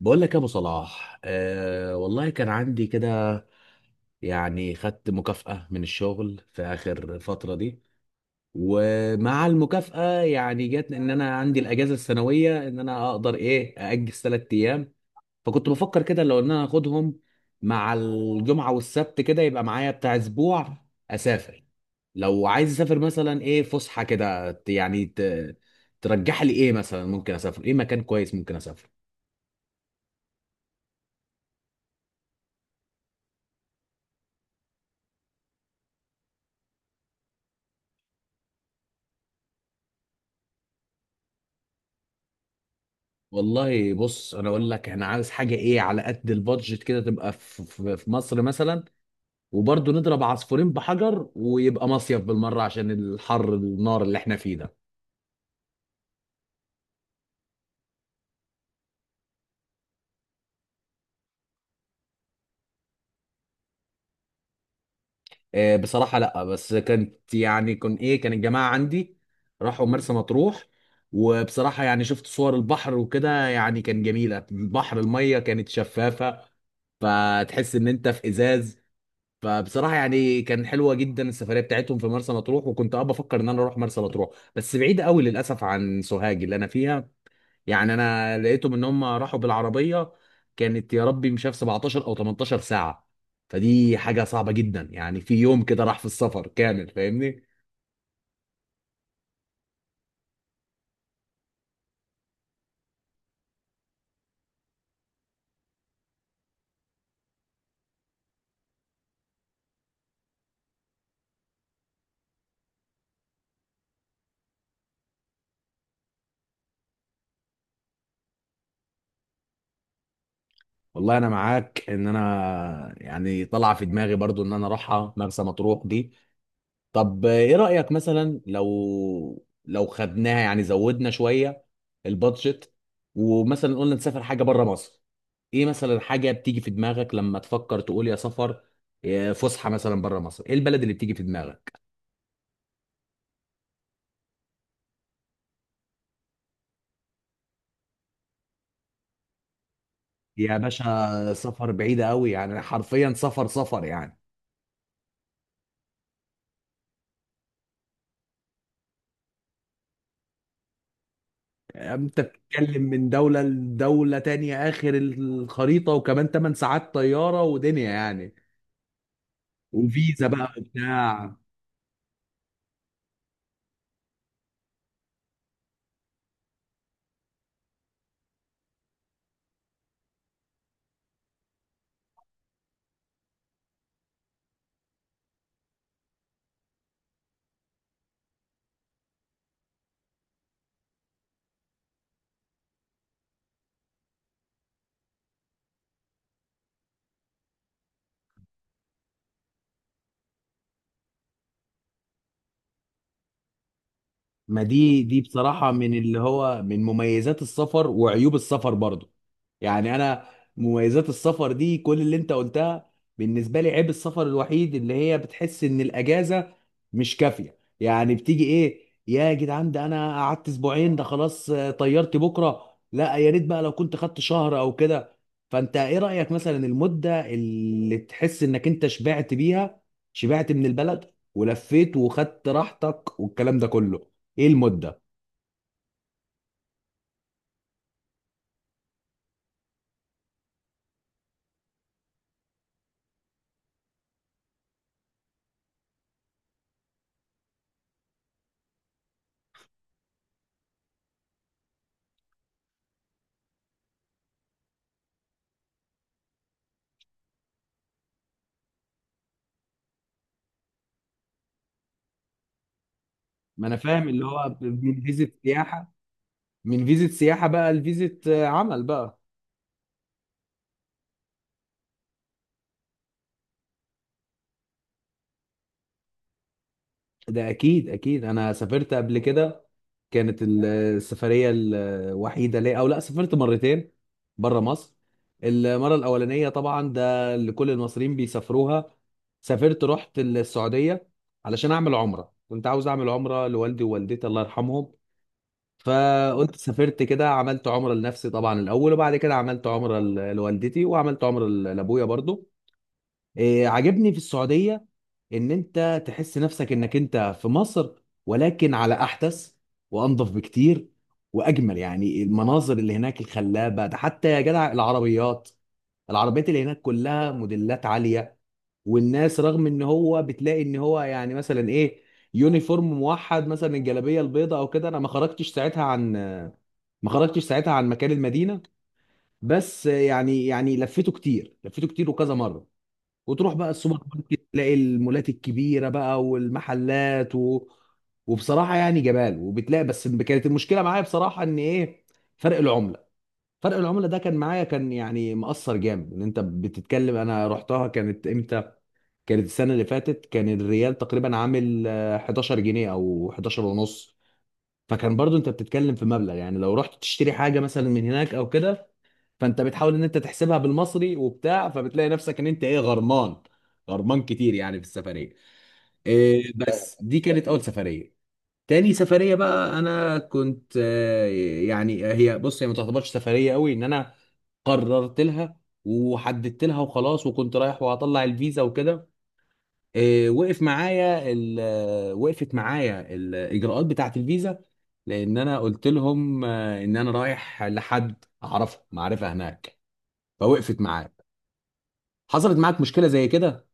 بقول لك يا ابو صلاح، آه والله كان عندي كده. يعني خدت مكافأة من الشغل في اخر فترة دي، ومع المكافأة يعني جت ان انا عندي الاجازة السنوية ان انا اقدر ايه ااجل ثلاث ايام. فكنت بفكر كده لو ان انا اخدهم مع الجمعة والسبت كده يبقى معايا بتاع اسبوع، اسافر. لو عايز اسافر مثلا ايه فسحة كده ترجح لي ايه مثلا، ممكن اسافر ايه مكان كويس ممكن اسافر. والله بص انا اقول لك احنا عاوز حاجه ايه على قد البادجت كده، تبقى في مصر مثلا، وبرضه نضرب عصفورين بحجر ويبقى مصيف بالمره عشان الحر النار اللي احنا فيه ده. بصراحه لا، بس كانت يعني كان ايه كان الجماعه عندي راحوا مرسى مطروح، وبصراحه يعني شفت صور البحر وكده يعني كان جميله، البحر الميه كانت شفافه فتحس ان انت في ازاز. فبصراحة يعني كان حلوة جدا السفرية بتاعتهم في مرسى مطروح، وكنت بفكر ان انا اروح مرسى مطروح. بس بعيدة قوي للاسف عن سوهاج اللي انا فيها. يعني انا لقيتهم ان هم راحوا بالعربية، كانت يا ربي مش عارف 17 او 18 ساعة، فدي حاجة صعبة جدا يعني، في يوم كده راح في السفر كامل فاهمني. والله انا معاك ان انا يعني طلع في دماغي برضو ان انا اروحها مرسى مطروح دي. طب ايه رأيك مثلا لو خدناها يعني زودنا شوية البادجت، ومثلا قلنا نسافر حاجة بره مصر، ايه مثلا حاجة بتيجي في دماغك لما تفكر تقول يا سفر يا فسحة مثلا بره مصر، ايه البلد اللي بتيجي في دماغك؟ يا باشا سفر بعيدة قوي، يعني حرفيا سفر سفر يعني، انت بتتكلم من دولة لدولة تانية اخر الخريطة، وكمان 8 ساعات طيارة ودنيا يعني. وفيزا بقى وبتاع. ما دي بصراحة من اللي هو من مميزات السفر وعيوب السفر برضو. يعني أنا، مميزات السفر دي كل اللي أنت قلتها. بالنسبة لي عيب السفر الوحيد اللي هي بتحس إن الأجازة مش كافية، يعني بتيجي إيه يا جدعان ده أنا قعدت أسبوعين ده خلاص؟ طيرت بكرة، لا يا ريت بقى لو كنت خدت شهر أو كده. فأنت إيه رأيك مثلا المدة اللي تحس إنك أنت شبعت بيها، شبعت من البلد ولفيت وخدت راحتك والكلام ده كله، ايه المده؟ ما انا فاهم اللي هو من فيزة سياحه، من فيزة سياحه بقى لفيزة عمل بقى. ده اكيد اكيد، انا سافرت قبل كده. كانت السفريه الوحيده ليا، او لا سافرت مرتين بره مصر. المره الاولانيه طبعا ده اللي كل المصريين بيسافروها، سافرت رحت السعوديه علشان اعمل عمره، كنت عاوز اعمل عمره لوالدي ووالدتي الله يرحمهم. فقلت سافرت كده، عملت عمرة لنفسي طبعا الأول وبعد كده عملت عمرة لوالدتي وعملت عمرة لأبويا برضو. إيه، عاجبني في السعودية ان انت تحس نفسك انك انت في مصر، ولكن على احدث وانظف بكتير واجمل. يعني المناظر اللي هناك الخلابة ده، حتى يا جدع العربيات، العربيات اللي هناك كلها موديلات عالية. والناس رغم ان هو بتلاقي ان هو يعني مثلا ايه يونيفورم موحد مثلا الجلابية البيضاء او كده. انا ما خرجتش ساعتها عن مكان المدينة، بس يعني لفيته كتير، لفيته كتير وكذا مرة. وتروح بقى السوبر ماركت تلاقي المولات الكبيره بقى والمحلات و... وبصراحه يعني جمال، وبتلاقي بس كانت المشكله معايا بصراحه ان ايه، فرق العمله. فرق العمله ده كان معايا، كان يعني مأثر جامد. ان انت بتتكلم، انا رحتها كانت امتى؟ كانت السنه اللي فاتت، كان الريال تقريبا عامل 11 جنيه او 11 ونص. فكان برضو انت بتتكلم في مبلغ، يعني لو رحت تشتري حاجه مثلا من هناك او كده، فانت بتحاول ان انت تحسبها بالمصري وبتاع، فبتلاقي نفسك ان انت ايه، غرمان، غرمان كتير يعني في السفريه. إيه، بس دي كانت اول سفريه. تاني سفريه بقى انا كنت يعني هي بص هي ما تعتبرش سفريه قوي. ان انا قررت لها وحددت لها وخلاص، وكنت رايح وهطلع الفيزا وكده. إيه، وقفت معايا الاجراءات بتاعه الفيزا، لان انا قلت لهم ان انا رايح لحد اعرفه معرفه هناك، فوقفت معايا. حصلت معاك مشكلة زي كده؟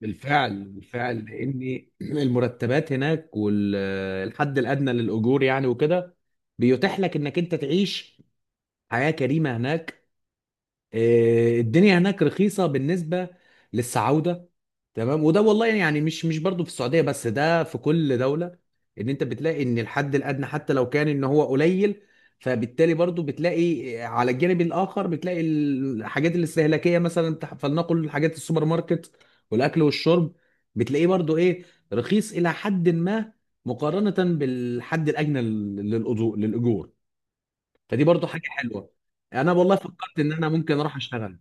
بالفعل بالفعل، لان المرتبات هناك والحد الادنى للاجور يعني وكده بيتيح لك انك انت تعيش حياه كريمه هناك. الدنيا هناك رخيصة بالنسبة للسعودة. تمام، وده والله يعني مش برضو في السعودية بس، ده في كل دولة. ان انت بتلاقي ان الحد الادنى حتى لو كان ان هو قليل، فبالتالي برضو بتلاقي على الجانب الاخر، بتلاقي الحاجات الاستهلاكية مثلا فلنقل حاجات السوبر ماركت والاكل والشرب، بتلاقيه برضو ايه، رخيص الى حد ما مقارنة بالحد الاجنى للأجور. فدي برضو حاجة حلوة. انا والله فكرت ان انا ممكن اروح اشتغل.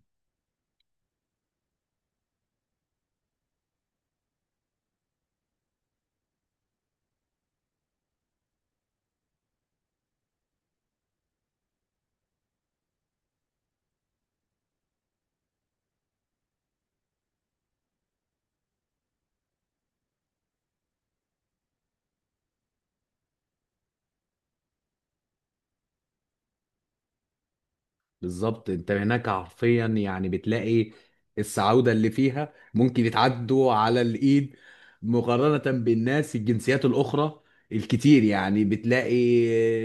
بالظبط، انت هناك حرفيا يعني بتلاقي السعودة اللي فيها ممكن يتعدوا على الايد مقارنة بالناس الجنسيات الاخرى الكتير. يعني بتلاقي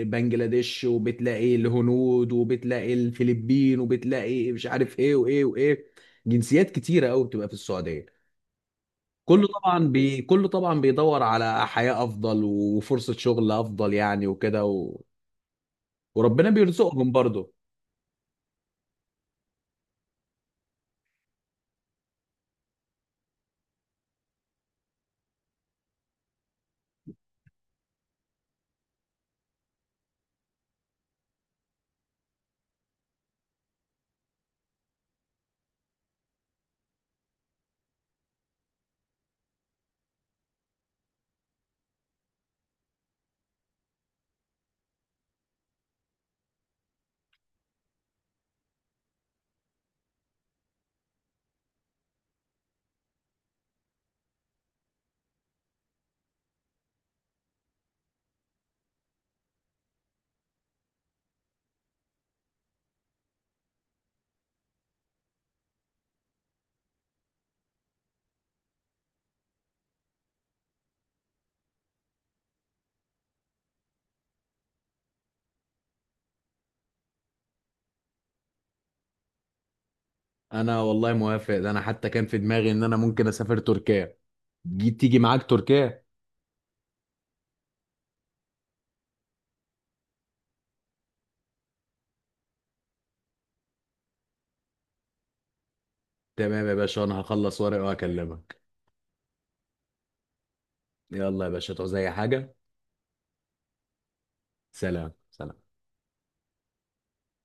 بنجلاديش وبتلاقي الهنود وبتلاقي الفلبين وبتلاقي مش عارف ايه وايه وايه، جنسيات كتيرة قوي بتبقى في السعودية. كله طبعا كله طبعا بيدور على حياة افضل وفرصة شغل افضل يعني وكده و... وربنا بيرزقهم برضه. انا والله موافق، ده انا حتى كان في دماغي ان انا ممكن اسافر تركيا. جي تيجي معاك تركيا؟ تمام يا باشا، انا هخلص ورق واكلمك. يلا يا باشا، تعوز اي حاجة؟ سلام سلام.